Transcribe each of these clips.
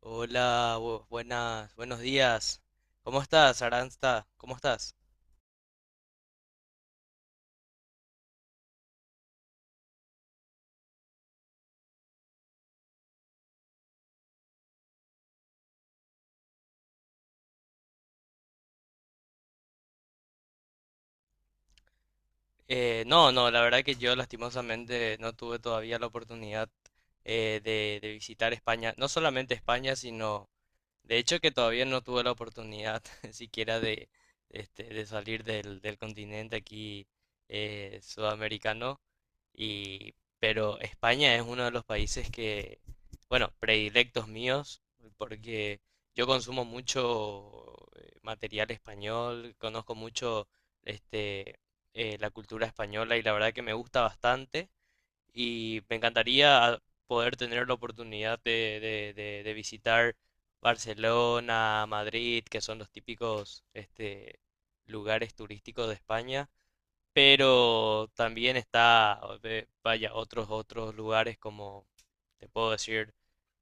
Hola, buenas, buenos días. ¿Cómo estás, Aranza? ¿Cómo estás? No, no, la verdad que yo lastimosamente no tuve todavía la oportunidad de visitar España. No solamente España, sino. De hecho, que todavía no tuve la oportunidad siquiera de, de salir del continente aquí sudamericano. Y, pero España es uno de los países que, bueno, predilectos míos, porque yo consumo mucho material español, conozco mucho este, la cultura española y la verdad que me gusta bastante y me encantaría poder tener la oportunidad de visitar Barcelona, Madrid, que son los típicos lugares turísticos de España, pero también está, vaya, otros lugares como, te puedo decir,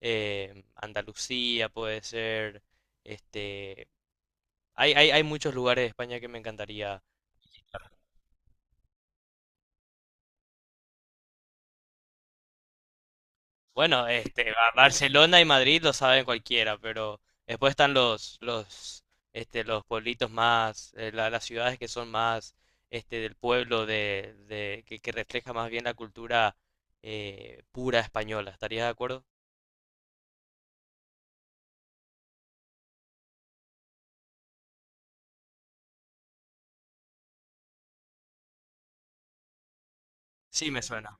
Andalucía puede ser, este, hay muchos lugares de España que me encantaría. Bueno, este, Barcelona y Madrid lo saben cualquiera, pero después están los, este, los pueblitos más, las ciudades que son más, este, del pueblo que refleja más bien la cultura pura española. ¿Estarías de acuerdo? Sí, me suena.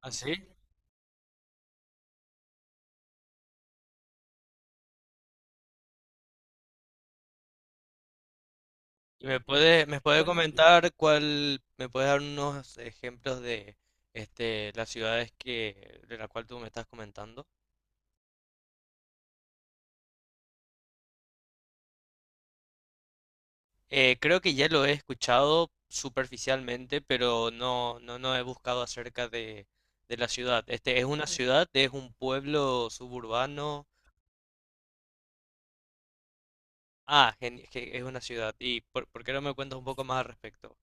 ¿Ah, sí? ¿Y me puede comentar cuál, me puedes dar unos ejemplos de, este, las ciudades que, de la cual tú me estás comentando? Creo que ya lo he escuchado superficialmente, pero no, no, no he buscado acerca de la ciudad. Este, ¿es una ciudad? ¿Es un pueblo suburbano? Ah, que es una ciudad. ¿Y por qué no me cuentas un poco más al respecto?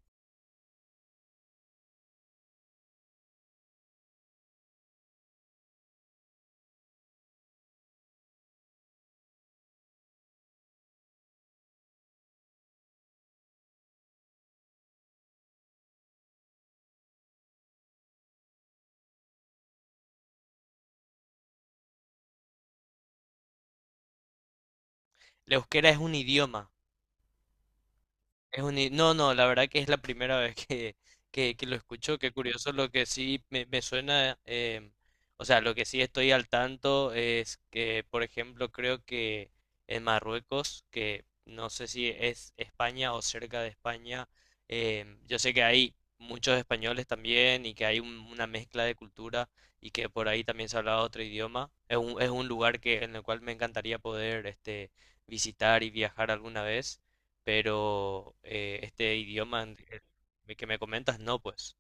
¿La euskera es un idioma? Es un... No, no, la verdad que es la primera vez que lo escucho. Qué curioso, lo que sí me suena, o sea, lo que sí estoy al tanto es que, por ejemplo, creo que en Marruecos, que no sé si es España o cerca de España, yo sé que hay muchos españoles también y que hay una mezcla de cultura y que por ahí también se habla otro idioma. Es un lugar que, en el cual me encantaría poder este, visitar y viajar alguna vez pero este idioma el que me comentas, no, pues.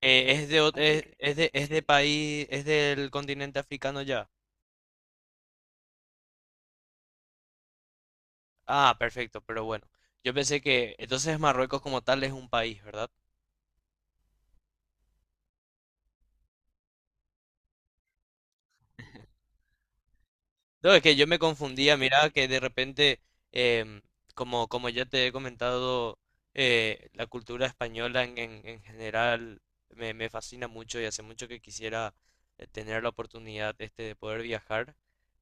Es de, es de país, es del continente africano ya. Ah, perfecto, pero bueno. Yo pensé que entonces Marruecos como tal es un país, ¿verdad? No, es que yo me confundía, mira, que de repente, em, como, como ya te he comentado, la cultura española en general me fascina mucho y hace mucho que quisiera tener la oportunidad este, de poder viajar.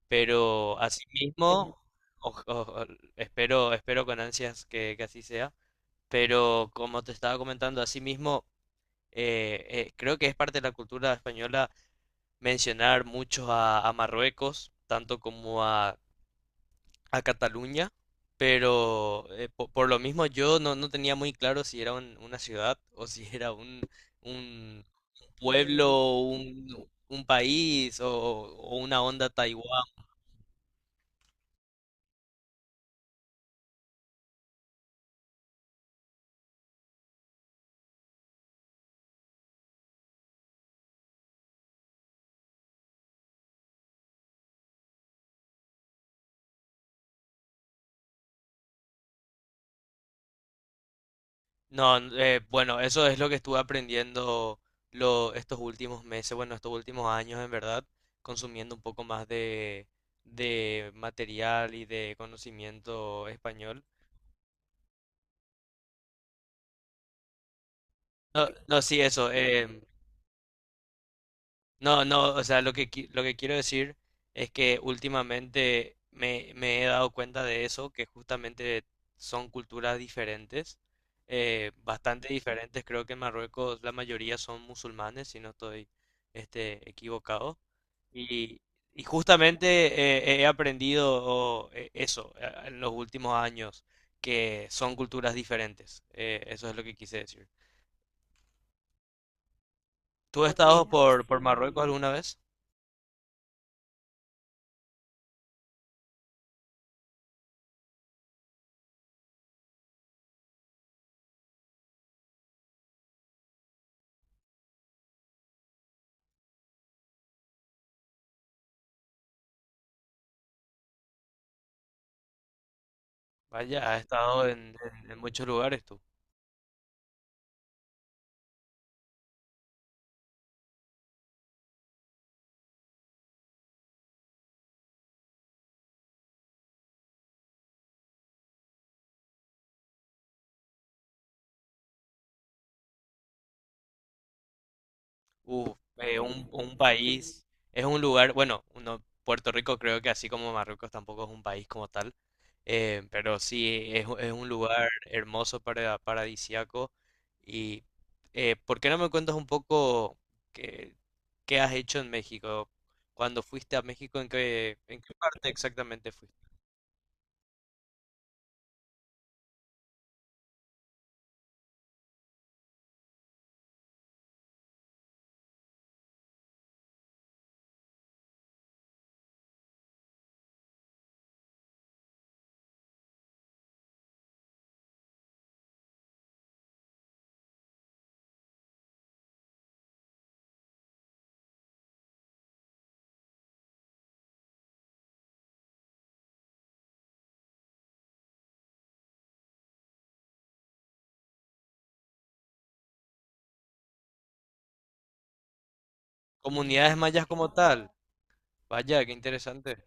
Pero asimismo, espero, espero con ansias que así sea. Pero como te estaba comentando, asimismo, creo que es parte de la cultura española mencionar mucho a Marruecos, tanto como a Cataluña. Pero lo mismo yo no, no tenía muy claro si era una ciudad o si era un pueblo, un país o una onda Taiwán. No, bueno, eso es lo que estuve aprendiendo lo, estos últimos meses, bueno, estos últimos años en verdad, consumiendo un poco más de material y de conocimiento español. No, no, sí, eso. No, no, o sea, lo que, lo que quiero decir es que últimamente me he dado cuenta de eso, que justamente son culturas diferentes, bastante diferentes. Creo que en Marruecos la mayoría son musulmanes, si no estoy este, equivocado. Y, y justamente he aprendido eso en los últimos años, que son culturas diferentes. Eso es lo que quise decir. ¿Tú has Ok, estado por sí. Marruecos alguna vez? Vaya, has estado en, en muchos lugares tú. Uf, un país, es un lugar, bueno, uno, Puerto Rico creo que así como Marruecos tampoco es un país como tal, pero sí es, es un lugar hermoso para paradisíaco. Y ¿por qué no me cuentas un poco qué, qué has hecho en México? Cuando fuiste a México, en qué parte exactamente fuiste? Comunidades mayas como tal. Vaya, qué interesante.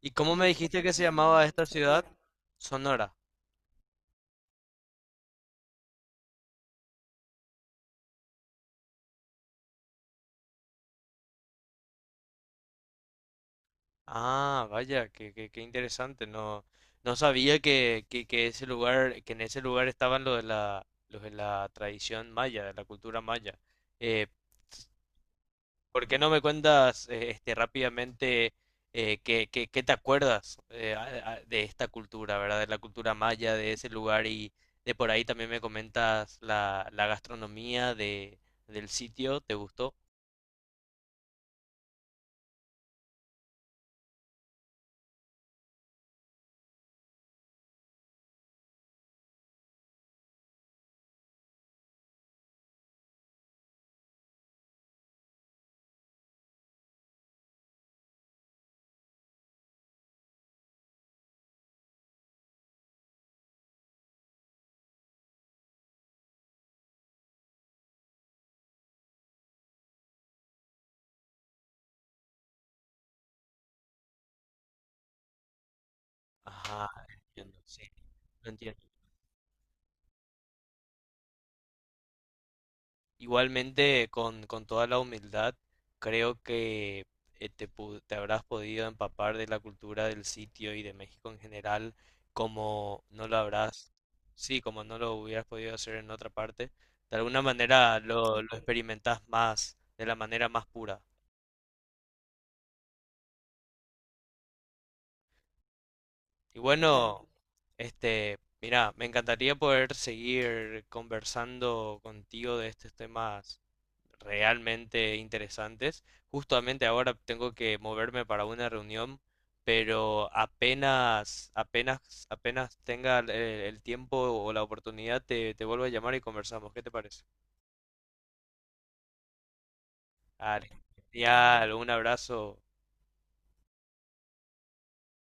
¿Y cómo me dijiste que se llamaba esta ciudad? Sonora. Ah, vaya, qué, qué, qué interesante. No, no sabía que ese lugar, que en ese lugar estaban los de la tradición maya, de la cultura maya. Eh, ¿Por qué no me cuentas este rápidamente qué te acuerdas de esta cultura, ¿verdad? De la cultura maya, de ese lugar y de por ahí también me comentas la, la gastronomía de, del sitio. ¿Te gustó? Ajá, entiendo, sí, lo entiendo. Igualmente, con toda la humildad, creo que te habrás podido empapar de la cultura del sitio y de México en general, como no lo habrás, sí, como no lo hubieras podido hacer en otra parte. De alguna manera lo experimentás más, de la manera más pura. Y bueno, este, mira, me encantaría poder seguir conversando contigo de estos temas realmente interesantes. Justamente ahora tengo que moverme para una reunión, pero apenas, apenas, apenas tenga el tiempo o la oportunidad, te vuelvo a llamar y conversamos. ¿Qué te parece? Dale. Genial, un abrazo.